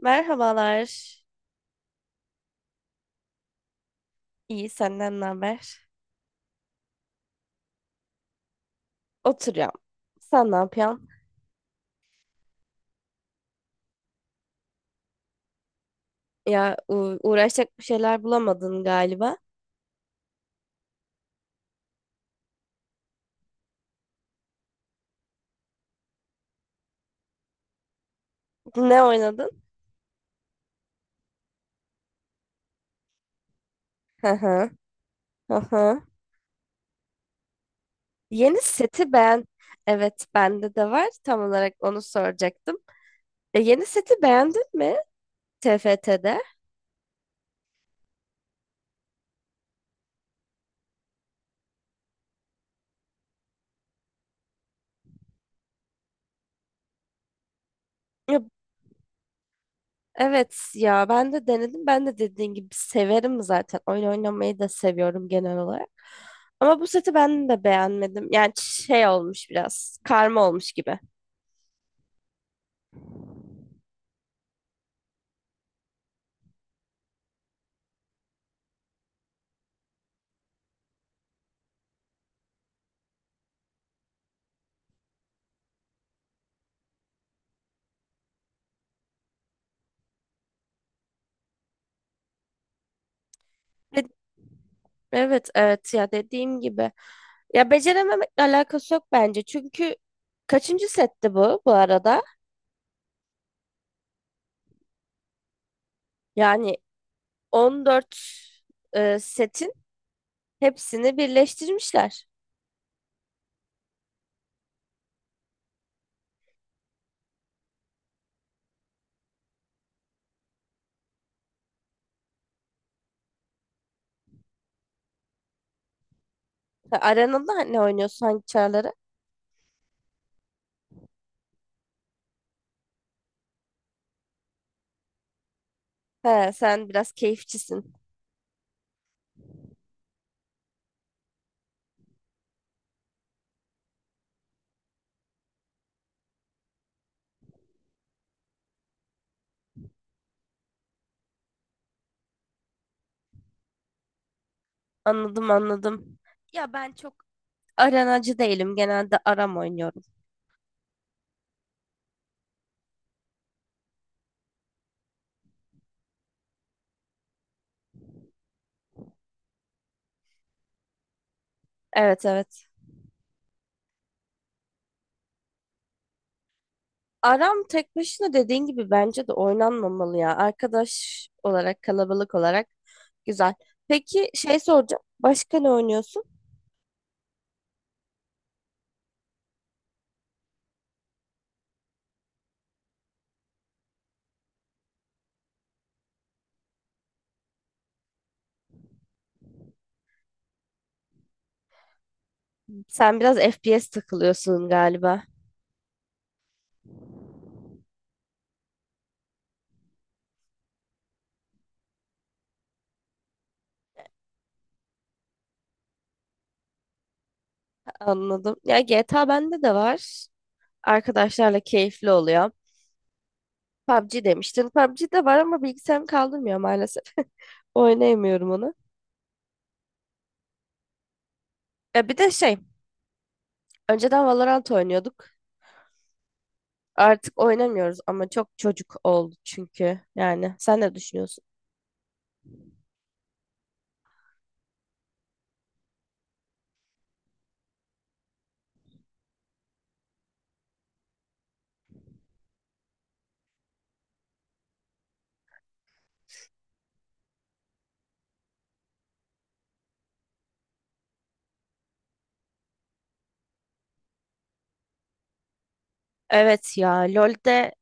Merhabalar. İyi senden ne haber? Oturuyorum. Sen ne yapıyorsun? Ya uğraşacak bir şeyler bulamadın galiba. Ne oynadın? Hı hı. Hı hı. Yeni seti beğen. Evet, bende de var. Tam olarak onu soracaktım. Yeni seti beğendin mi T F TFT'de? Ya, evet ya ben de denedim. Ben de dediğin gibi severim zaten. Oyun oynamayı da seviyorum genel olarak. Ama bu seti ben de beğenmedim. Yani şey olmuş biraz. Karma olmuş gibi. De- Evet evet ya dediğim gibi. Ya becerememekle alakası yok bence. Çünkü kaçıncı setti bu, bu arada? Yani 14, setin hepsini birleştirmişler. Ha, arenada ne oynuyorsun, hangi çarları? He, sen biraz keyifçisin. Anladım anladım. Ya ben çok arenacı değilim. Genelde aram oynuyorum. Evet evet. Aram tek başına dediğin gibi bence de oynanmamalı ya. Arkadaş olarak, kalabalık olarak güzel. Peki şey soracağım. Başka ne oynuyorsun? Sen biraz FPS takılıyorsun galiba. Anladım. Ya GTA bende de var. Arkadaşlarla keyifli oluyor. PUBG demiştin. PUBG de var ama bilgisayarım kaldırmıyor maalesef. Oynayamıyorum onu. Ya bir de şey, önceden Valorant oynuyorduk. Artık oynamıyoruz ama çok çocuk oldu çünkü. Yani sen ne düşünüyorsun? Evet ya LoL'de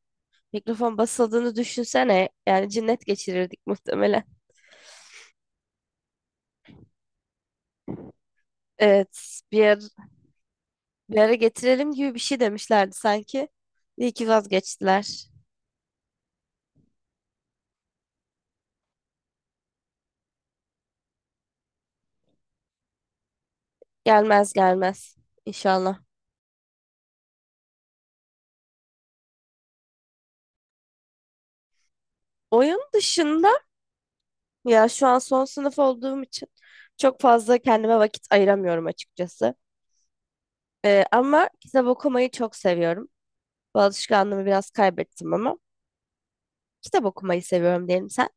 mikrofon basıldığını düşünsene. Yani cinnet geçirirdik muhtemelen. Evet bir ara getirelim gibi bir şey demişlerdi sanki. İyi ki vazgeçtiler. Gelmez gelmez inşallah. Oyun dışında ya şu an son sınıf olduğum için çok fazla kendime vakit ayıramıyorum açıkçası. Ama kitap okumayı çok seviyorum. Bu alışkanlığımı biraz kaybettim ama kitap okumayı seviyorum diyelim sen.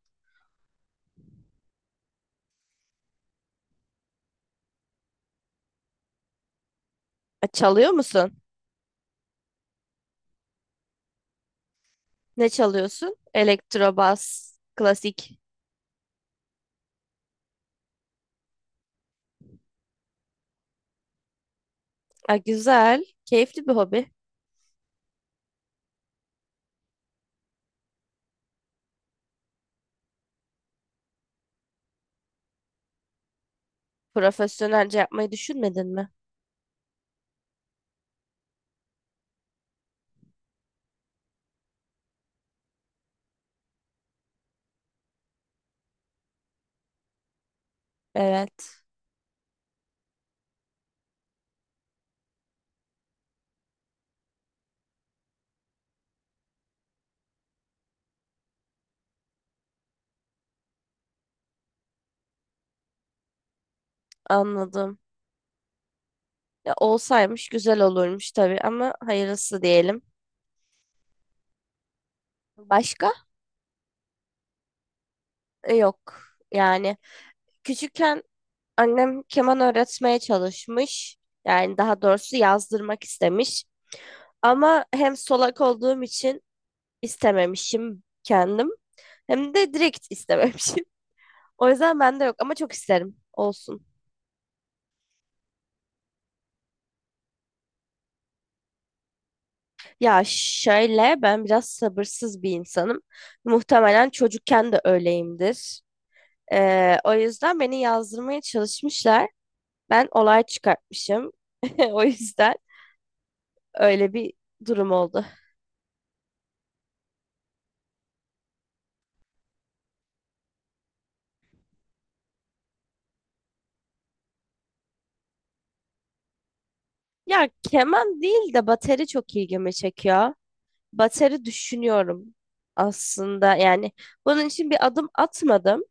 Çalıyor musun? Ne çalıyorsun? Elektrobas, klasik. Ha, güzel, keyifli bir hobi. Profesyonelce yapmayı düşünmedin mi? Evet, anladım. Ya, olsaymış güzel olurmuş tabii ama hayırlısı diyelim. Başka? Yok. Yani küçükken annem keman öğretmeye çalışmış. Yani daha doğrusu yazdırmak istemiş. Ama hem solak olduğum için istememişim kendim. Hem de direkt istememişim. O yüzden bende yok ama çok isterim. Olsun. Ya şöyle ben biraz sabırsız bir insanım. Muhtemelen çocukken de öyleyimdir. O yüzden beni yazdırmaya çalışmışlar. Ben olay çıkartmışım. O yüzden öyle bir durum oldu. Ya keman değil de bateri çok ilgimi çekiyor. Bateri düşünüyorum aslında. Yani bunun için bir adım atmadım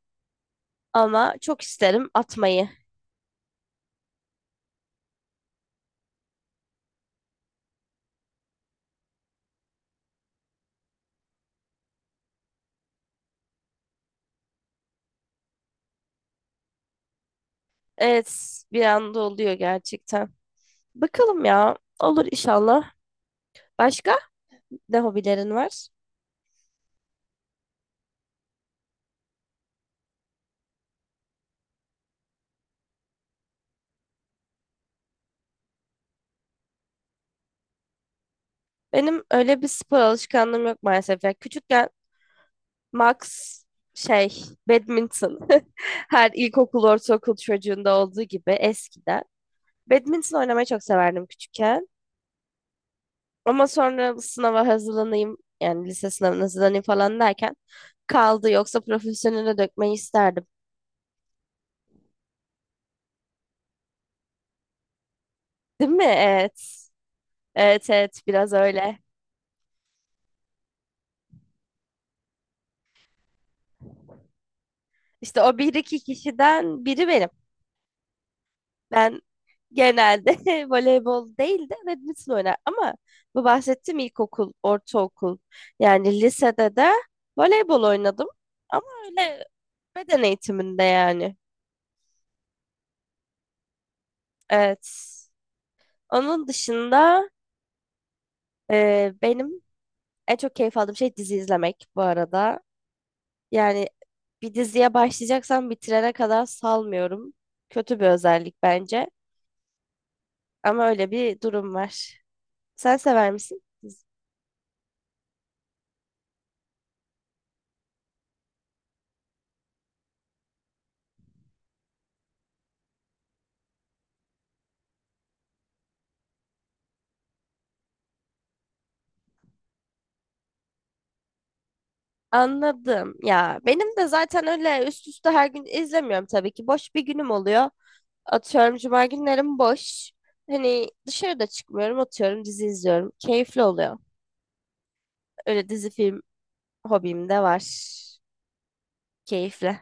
ama çok isterim atmayı. Evet, bir anda oluyor gerçekten. Bakalım ya, olur inşallah. Başka? Ne hobilerin var? Benim öyle bir spor alışkanlığım yok maalesef. Ya küçükken max şey badminton, her ilkokul ortaokul çocuğunda olduğu gibi eskiden badminton oynamayı çok severdim küçükken. Ama sonra sınava hazırlanayım yani lise sınavına hazırlanayım falan derken kaldı, yoksa profesyonele dökmeyi isterdim. Değil mi? Evet. Evet evet, biraz öyle. İşte o bir iki kişiden biri benim. Ben genelde voleybol değil de badminton oynar. Ama bu bahsettiğim ilkokul, ortaokul, yani lisede de voleybol oynadım. Ama öyle, beden eğitiminde yani. Evet. Onun dışında benim en çok keyif aldığım şey dizi izlemek bu arada. Yani bir diziye başlayacaksam bitirene kadar salmıyorum. Kötü bir özellik bence. Ama öyle bir durum var. Sen sever misin? Anladım. Ya benim de zaten öyle üst üste her gün izlemiyorum tabii ki. Boş bir günüm oluyor. Atıyorum cuma günlerim boş. Hani dışarıda çıkmıyorum, atıyorum dizi izliyorum. Keyifli oluyor. Öyle dizi film hobim de var. Keyifli.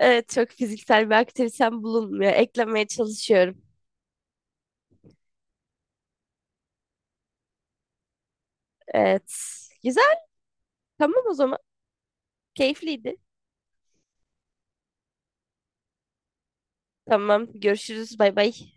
Evet, çok fiziksel bir aktivitem bulunmuyor. Eklemeye çalışıyorum. Evet. Güzel. Tamam o zaman. Keyifliydi. Tamam. Görüşürüz. Bay bay.